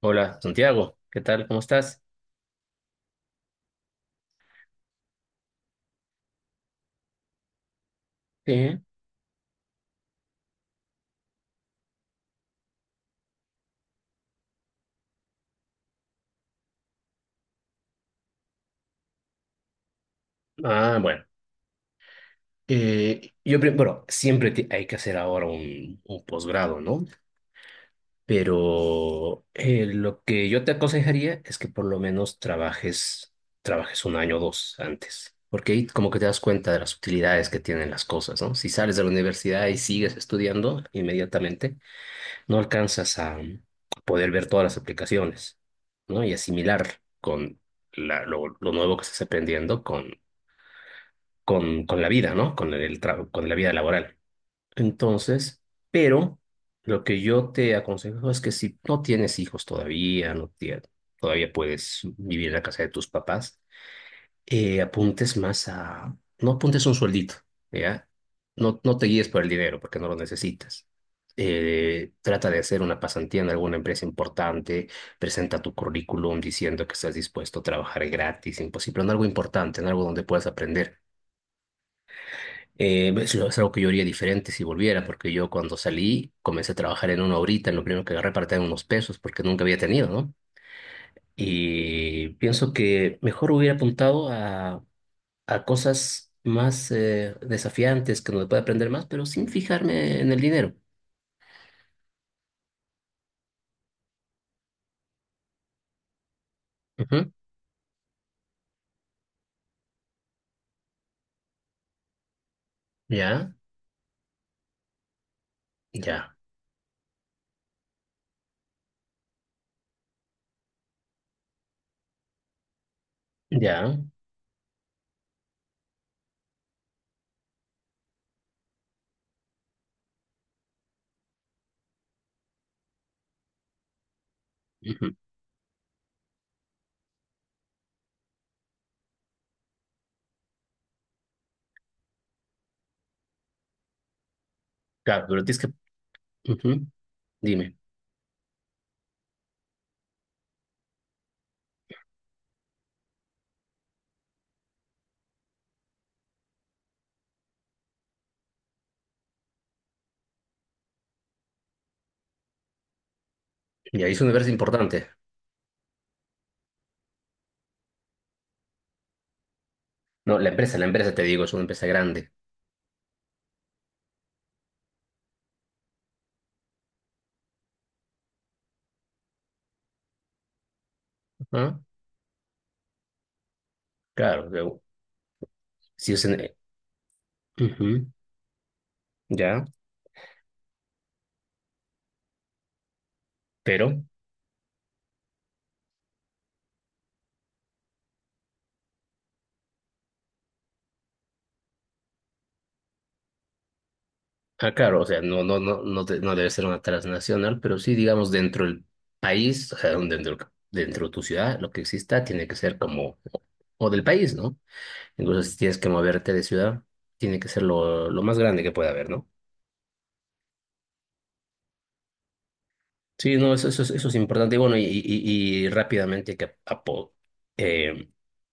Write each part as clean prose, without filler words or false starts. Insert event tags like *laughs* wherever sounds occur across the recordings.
Hola, Santiago, ¿qué tal? ¿Cómo estás? Sí. Ah, bueno, yo, pri- bueno, siempre te- Hay que hacer ahora un posgrado, ¿no? Pero lo que yo te aconsejaría es que por lo menos trabajes un año o dos antes, porque ahí como que te das cuenta de las utilidades que tienen las cosas, ¿no? Si sales de la universidad y sigues estudiando inmediatamente, no alcanzas a poder ver todas las aplicaciones, ¿no? Y asimilar con lo nuevo que estás aprendiendo con la vida, ¿no? Con la vida laboral. Entonces, pero lo que yo te aconsejo es que, si no tienes hijos todavía, no tie- todavía puedes vivir en la casa de tus papás. No apuntes un sueldito, ¿ya? No, no te guíes por el dinero porque no lo necesitas. Trata de hacer una pasantía en alguna empresa importante, presenta tu currículum diciendo que estás dispuesto a trabajar gratis, imposible, en algo importante, en algo donde puedas aprender. Es algo que yo haría diferente si volviera, porque yo, cuando salí, comencé a trabajar en una horita, en lo primero que agarré para tener unos pesos, porque nunca había tenido, ¿no? Y pienso que mejor hubiera apuntado a cosas más desafiantes, que donde pueda aprender más, pero sin fijarme en el dinero. Ujú. Ya, ya, ya. Ujú. Claro, pero tienes que... Ujú. Dime. Y ahí es una empresa importante. No, la empresa te digo, es una empresa grande. Ajá. Claro, pero si es en... Ujú. Ya, pero, ah, claro, o sea, no, no, no, no, no debe ser una transnacional, pero sí, digamos, dentro del país, o sea, dentro de tu ciudad, lo que exista tiene que ser como, o del país, ¿no? Incluso si tienes que moverte de ciudad, tiene que ser lo más grande que pueda haber, ¿no? Sí, no, eso es importante. Y bueno, y rápidamente hay que eh,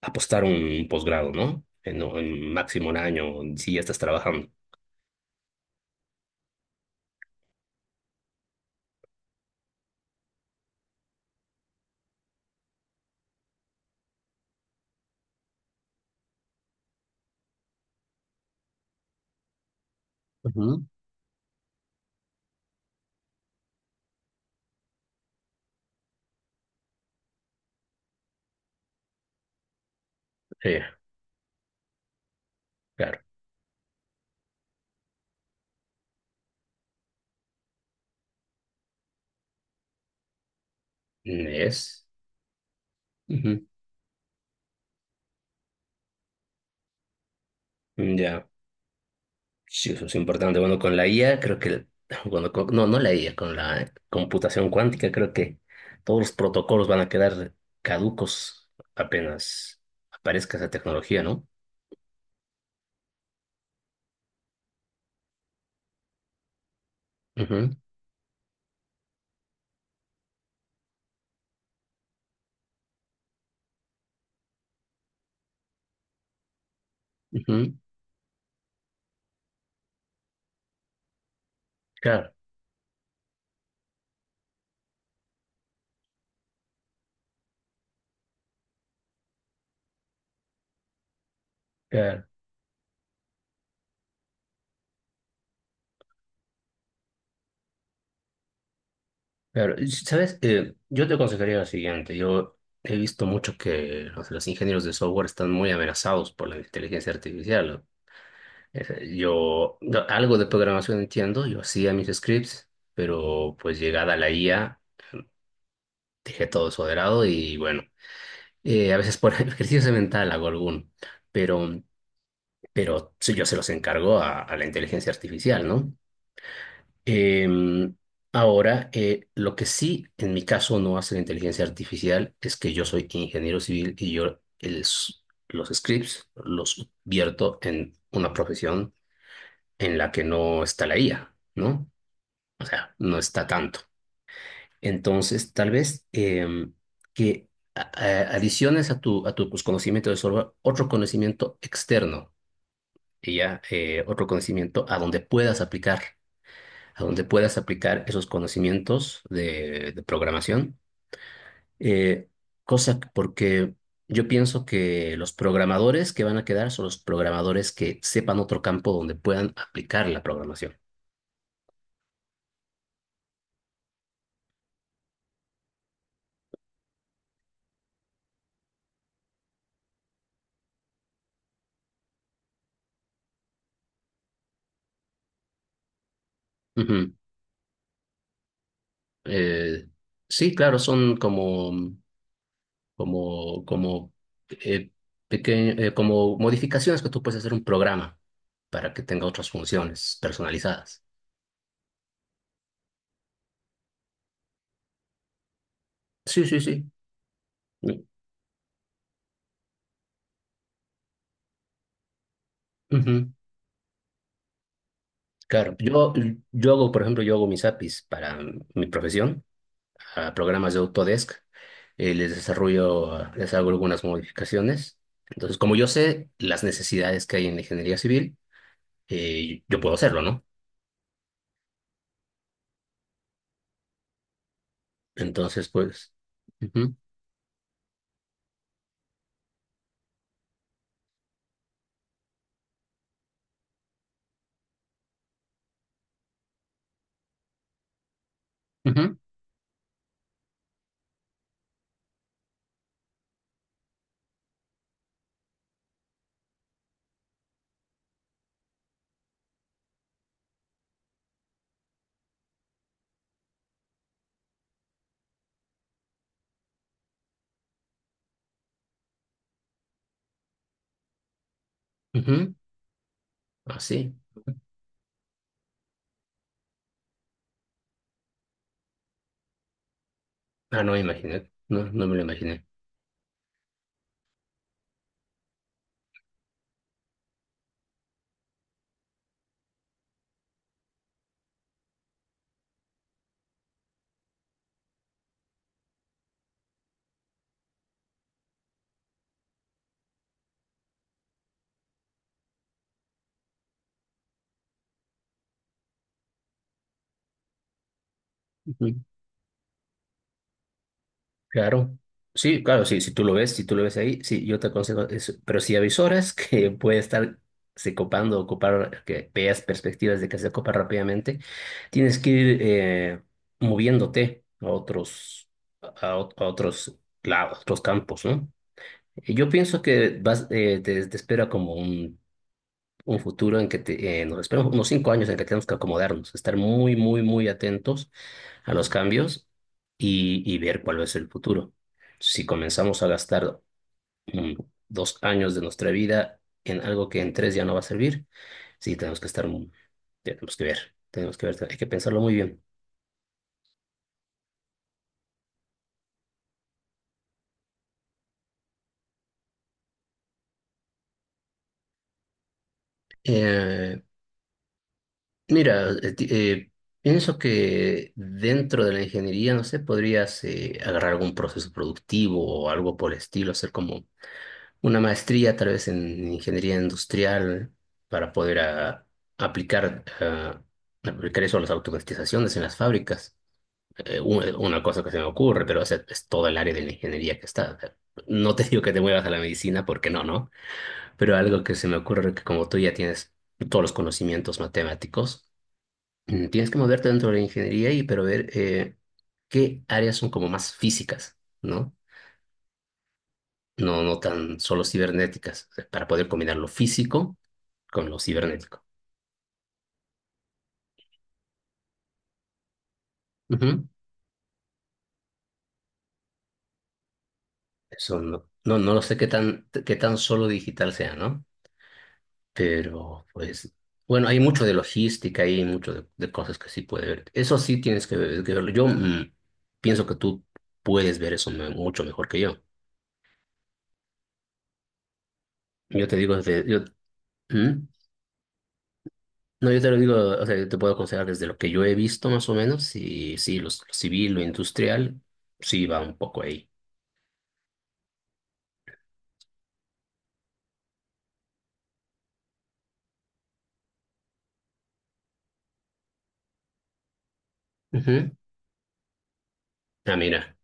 apostar un posgrado, ¿no? En máximo un año, si ya estás trabajando. Ujú. Sí, claro. Es. Ya, sí, eso es importante. Bueno, con la IA creo que, *laughs* no, no la IA, con la computación cuántica creo que todos los protocolos van a quedar caducos apenas aparezca esa tecnología, ¿no? Ujú, ujú. Claro, claro, claro. Y, ¿sabes? Yo te aconsejaría lo siguiente. Yo he visto mucho que, o sea, los ingenieros de software están muy amenazados por la inteligencia artificial, ¿no? Ese, yo no, algo de programación entiendo, yo hacía mis scripts, pero pues, llegada la IA, dejé todo eso de lado y, bueno, a veces por *laughs* ejercicio mental hago alguno, pero, pero sí, yo se los encargo a la inteligencia artificial, ¿no? Em, Ahora, lo que sí en mi caso no hace la inteligencia artificial es que yo soy ingeniero civil y yo los scripts los vierto en una profesión en la que no está la IA, ¿no? O sea, no está tanto. Entonces, tal vez que adiciones a tu pues, conocimiento de software, otro conocimiento externo, y ya otro conocimiento a donde puedas aplicar, a donde puedas aplicar esos conocimientos de programación. Eh, Porque yo pienso que los programadores que van a quedar son los programadores que sepan otro campo donde puedan aplicar la programación. Ujú. Eh, sí, claro, son como, como, eh, como modificaciones que tú puedes hacer un programa para que tenga otras funciones personalizadas. Sí, sí, sí. Mm, ujú. Claro, yo hago, por ejemplo, yo hago mis APIs para mi profesión, a programas de Autodesk, les desarrollo, les hago algunas modificaciones. Entonces, como yo sé las necesidades que hay en la ingeniería civil, yo puedo hacerlo, ¿no? Entonces, pues, ujú, ujú, ujú, así. Ah, no me imaginé, no, no me lo imaginé. Ujú. Claro, sí, claro, sí, si tú lo ves, si tú lo ves ahí, sí, yo te aconsejo eso. Pero si avisoras *laughs* que puede estar se copando, ocupar, que veas perspectivas de que se copa rápidamente, tienes que ir moviéndote a otros campos, ¿no? Y yo pienso que vas, te espera como un futuro en que nos esperan unos 5 años en que tenemos que acomodarnos, estar muy, muy, muy atentos a los cambios y ver cuál es el futuro. Si comenzamos a gastar mm, 2 años de nuestra vida en algo que en tres ya no va a servir, sí, tenemos que estar, tenemos que ver, tenemos que ver, hay que pensarlo muy bien. Eh, Mira, pienso que dentro de la ingeniería, no sé, podrías agarrar algún proceso productivo o algo por el estilo, hacer como una maestría tal vez en ingeniería industrial para poder aplicar, ah, aplicar eso a las automatizaciones en las fábricas. Una cosa que se me ocurre, pero es todo el área de la ingeniería que está. No te *laughs* digo que te muevas a la medicina porque no, ¿no? Pero algo que se me ocurre, que como tú ya tienes todos los conocimientos matemáticos, tienes que moverte dentro de la ingeniería y, pero, ver qué áreas son como más físicas, ¿no? No, no tan solo cibernéticas, o sea, para poder combinar lo físico con lo cibernético. Ujú. Eso no lo sé, qué tan, solo digital sea, ¿no? Pero pues, bueno, hay mucho de logística, hay mucho de cosas que sí puede ver. Eso sí tienes que verlo. Yo pienso que tú puedes ver eso mucho mejor que yo. Yo te digo, yo. ¿Mm? No, yo te lo digo, o sea, yo te puedo aconsejar desde lo que yo he visto más o menos, y sí, lo civil, lo industrial, sí va un poco ahí. Ujú. Ah, mira.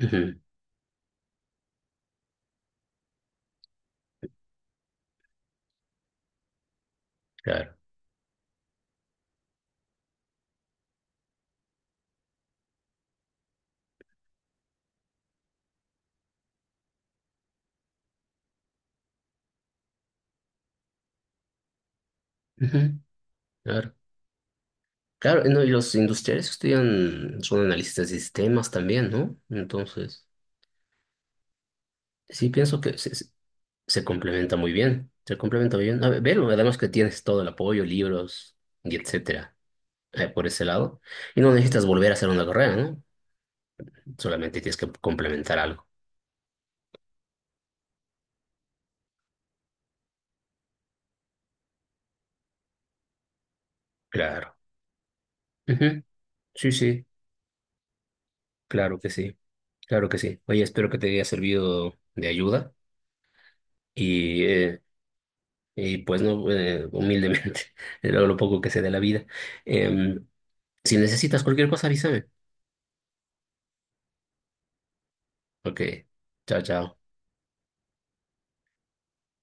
Ujú, claro. Ujú, claro. Claro, no, y los industriales estudian, son analistas de sistemas también, ¿no? Entonces, sí pienso que se complementa muy bien, se complementa muy bien. A ver, velo, además que tienes todo el apoyo, libros y etcétera, por ese lado. Y no necesitas volver a hacer una carrera, ¿no? Solamente tienes que complementar algo. Claro. Ujú. Sí, sí, claro que sí, claro que sí. Oye, espero que te haya servido de ayuda y, y pues no, humildemente, *laughs* lo poco que sé de la vida. Em, Si necesitas cualquier cosa, avísame. Ok, chao, chao.